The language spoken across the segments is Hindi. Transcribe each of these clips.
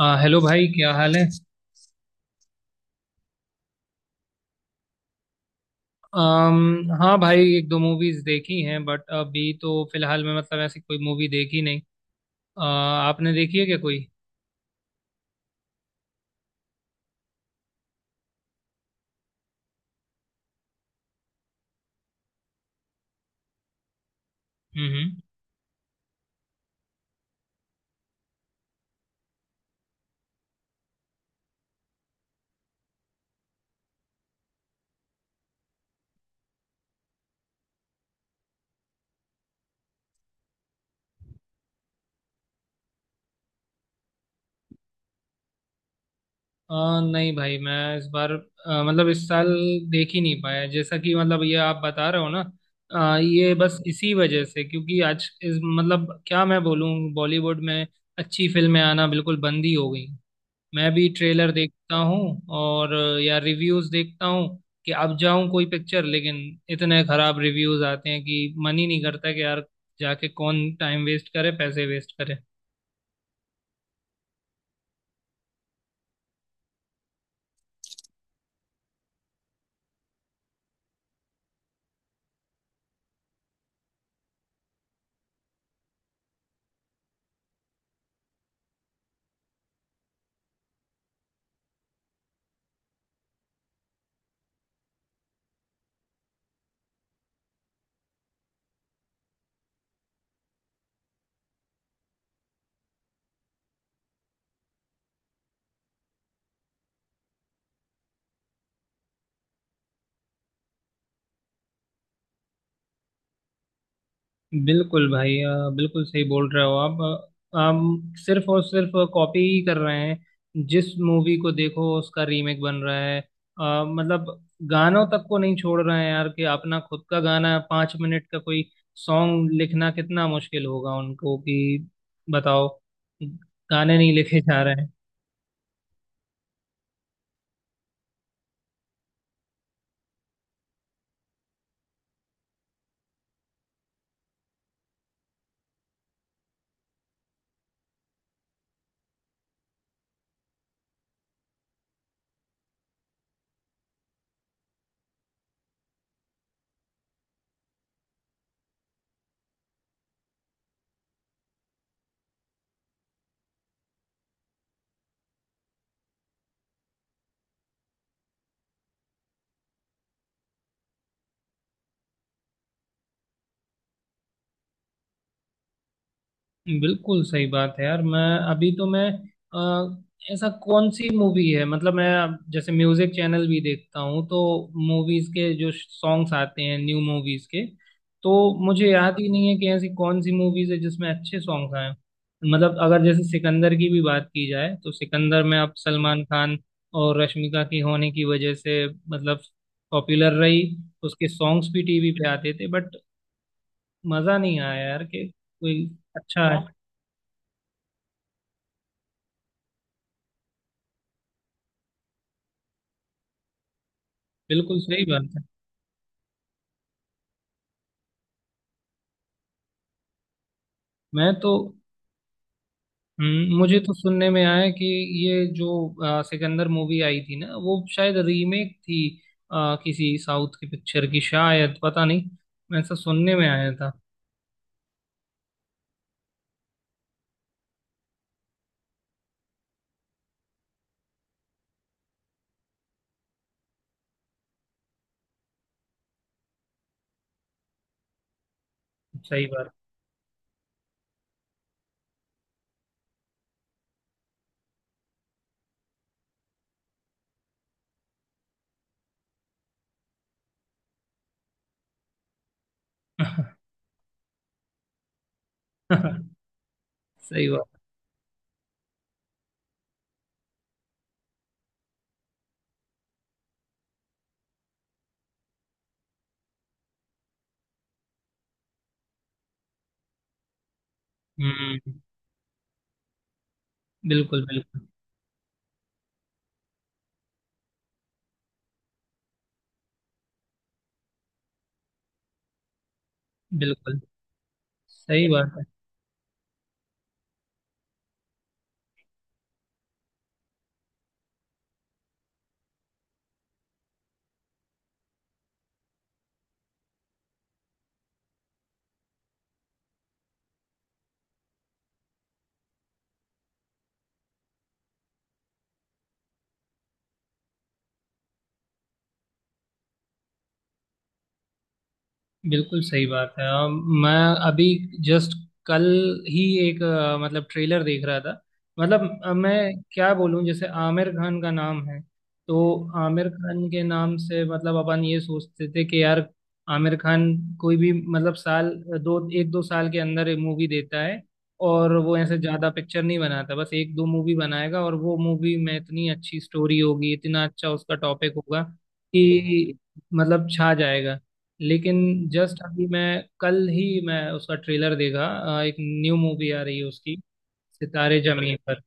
हेलो भाई, क्या हाल है? हाँ भाई, एक दो मूवीज देखी हैं बट अभी तो फिलहाल मैं, मतलब, ऐसी कोई मूवी देखी नहीं। आ, आपने देखी है क्या कोई? हम्म हम्म। नहीं भाई, मैं इस बार मतलब इस साल देख ही नहीं पाया, जैसा कि मतलब ये आप बता रहे हो ना। ये बस इसी वजह से, क्योंकि आज इस, मतलब क्या मैं बोलूँ, बॉलीवुड में अच्छी फिल्में आना बिल्कुल बंद ही हो गई। मैं भी ट्रेलर देखता हूँ, और या रिव्यूज देखता हूँ कि अब जाऊं कोई पिक्चर, लेकिन इतने खराब रिव्यूज आते हैं कि मन ही नहीं करता कि यार, जाके कौन टाइम वेस्ट करे, पैसे वेस्ट करे। बिल्कुल भाई, बिल्कुल सही बोल रहे हो आप। हम सिर्फ और सिर्फ कॉपी ही कर रहे हैं, जिस मूवी को देखो उसका रीमेक बन रहा है। मतलब गानों तक को नहीं छोड़ रहे हैं यार, कि अपना खुद का गाना 5 मिनट का कोई सॉन्ग लिखना कितना मुश्किल होगा उनको कि बताओ, गाने नहीं लिखे जा रहे हैं। बिल्कुल सही बात है यार। मैं, अभी तो मैं, अ, ऐसा कौन सी मूवी है, मतलब मैं अब जैसे म्यूजिक चैनल भी देखता हूँ, तो मूवीज के जो सॉन्ग्स आते हैं, न्यू मूवीज के, तो मुझे याद ही नहीं है कि ऐसी कौन सी मूवीज है जिसमें अच्छे सॉन्ग्स आए हैं। मतलब अगर जैसे सिकंदर की भी बात की जाए, तो सिकंदर में अब सलमान खान और रश्मिका की होने की वजह से, मतलब पॉपुलर रही। उसके सॉन्ग्स भी टीवी पे आते थे, बट मजा नहीं आया यार कि कोई अच्छा है। बिल्कुल सही बात है। मैं तो, मुझे तो सुनने में आया कि ये जो सिकंदर मूवी आई थी ना, वो शायद रीमेक थी। किसी साउथ की पिक्चर की, शायद पता नहीं, ऐसा सुनने में आया था। सही बात। सही बात। हम्म, बिल्कुल बिल्कुल। बिल्कुल सही बात है। बिल्कुल सही बात है। मैं अभी जस्ट कल ही एक मतलब ट्रेलर देख रहा था। मतलब, मैं क्या बोलूं, जैसे आमिर खान का नाम है, तो आमिर खान के नाम से मतलब अपन ये सोचते थे कि यार, आमिर खान कोई भी, मतलब साल दो, एक दो साल के अंदर मूवी देता है, और वो ऐसे ज्यादा पिक्चर नहीं बनाता, बस एक दो मूवी बनाएगा और वो मूवी में इतनी अच्छी स्टोरी होगी, इतना अच्छा उसका टॉपिक होगा कि मतलब छा जाएगा। लेकिन जस्ट अभी मैं, कल ही मैं उसका ट्रेलर देखा। एक न्यू मूवी आ रही है उसकी, सितारे जमी पर।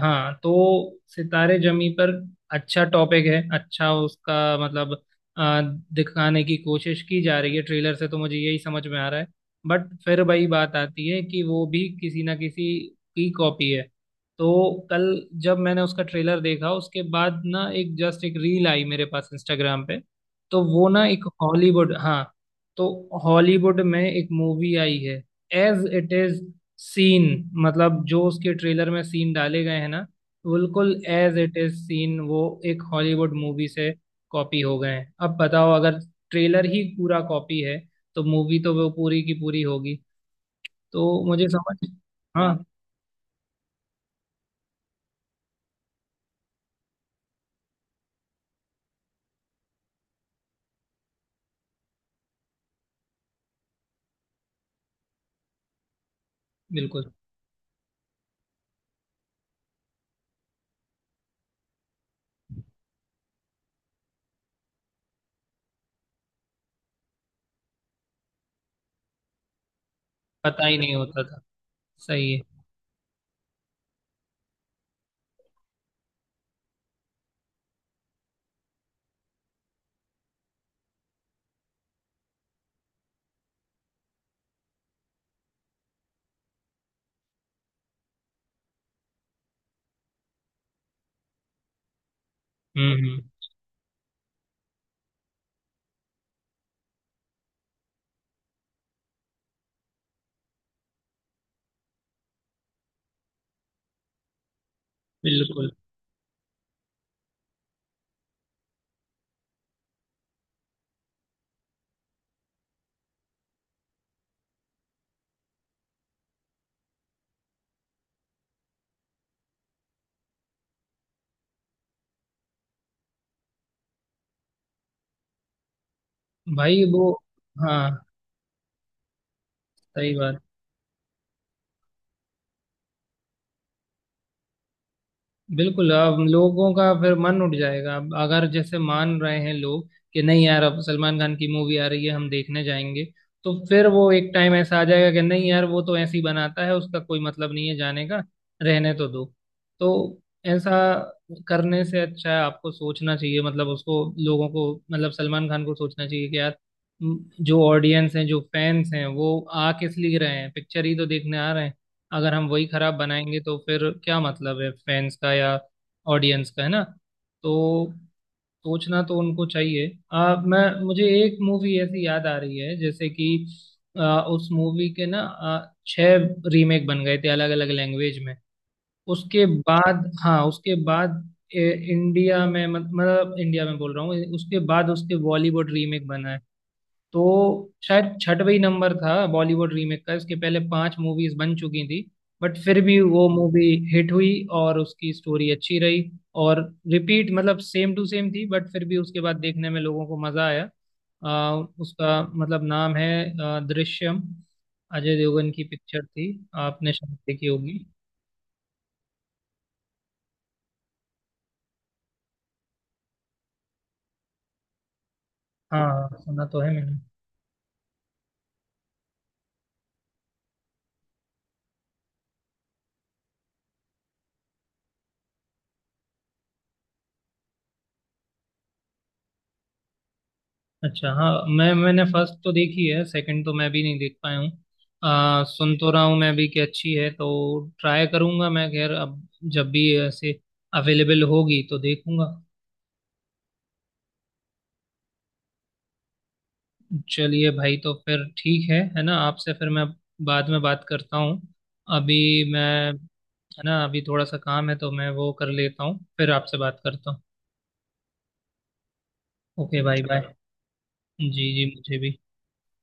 हाँ, तो सितारे जमी पर अच्छा टॉपिक है, अच्छा उसका, मतलब अ, दिखाने की कोशिश की जा रही है ट्रेलर से, तो मुझे यही समझ में आ रहा है। बट फिर वही बात आती है कि वो भी किसी ना किसी की कॉपी है। तो कल जब मैंने उसका ट्रेलर देखा, उसके बाद ना एक, जस्ट एक रील आई मेरे पास इंस्टाग्राम पे, तो वो ना एक हॉलीवुड, हाँ, तो हॉलीवुड में एक मूवी आई है, एज इट इज सीन, मतलब जो उसके ट्रेलर में सीन डाले गए हैं ना, बिल्कुल एज इट इज सीन वो एक हॉलीवुड मूवी से कॉपी हो गए हैं। अब बताओ, अगर ट्रेलर ही पूरा कॉपी है तो मूवी तो वो पूरी की पूरी होगी। तो मुझे समझ... हाँ, बिल्कुल। पता ही नहीं होता था। सही है। हम्म। बिल्कुल। भाई वो, हाँ, सही बात। बिल्कुल, अब लोगों का फिर मन उठ जाएगा। अब अगर जैसे मान रहे हैं लोग कि नहीं यार, अब सलमान खान की मूवी आ रही है, हम देखने जाएंगे, तो फिर वो एक टाइम ऐसा आ जाएगा कि नहीं यार, वो तो ऐसे ही बनाता है, उसका कोई मतलब नहीं है जाने का, रहने तो दो। तो ऐसा करने से अच्छा है आपको सोचना चाहिए, मतलब उसको, लोगों को, मतलब सलमान खान को सोचना चाहिए कि यार, जो ऑडियंस हैं, जो फैंस हैं, वो आ किस लिए रहे हैं? पिक्चर ही तो देखने आ रहे हैं। अगर हम वही खराब बनाएंगे तो फिर क्या मतलब है फैंस का या ऑडियंस का, है ना? तो सोचना तो उनको चाहिए। मैं मुझे एक मूवी ऐसी याद आ रही है, जैसे कि उस मूवी के ना, छह रीमेक बन गए थे अलग अलग लैंग्वेज में, उसके बाद, हाँ, उसके बाद इंडिया में, मतलब इंडिया में बोल रहा हूँ, उसके बाद उसके बॉलीवुड रीमेक बना है। तो शायद छठवही नंबर था बॉलीवुड रीमेक का, इसके पहले पांच मूवीज बन चुकी थी, बट फिर भी वो मूवी हिट हुई और उसकी स्टोरी अच्छी रही। और रिपीट, मतलब सेम टू सेम थी, बट फिर भी उसके बाद देखने में लोगों को मजा आया। आ, उसका मतलब नाम है दृश्यम। अजय देवगन की पिक्चर थी, आपने शायद देखी होगी। हाँ हाँ, सुना तो है मैंने। अच्छा हाँ। मैंने फर्स्ट तो देखी है, सेकंड तो मैं भी नहीं देख पाया हूँ। सुन तो रहा हूँ मैं भी कि अच्छी है, तो ट्राई करूँगा मैं। खैर, अब जब भी ऐसे अवेलेबल होगी तो देखूँगा। चलिए भाई, तो फिर ठीक है ना? आपसे फिर मैं बाद में बात करता हूँ। अभी मैं, है ना, अभी थोड़ा सा काम है तो मैं वो कर लेता हूँ, फिर आपसे बात करता हूँ। ओके भाई, बाय। जी जी, मुझे भी।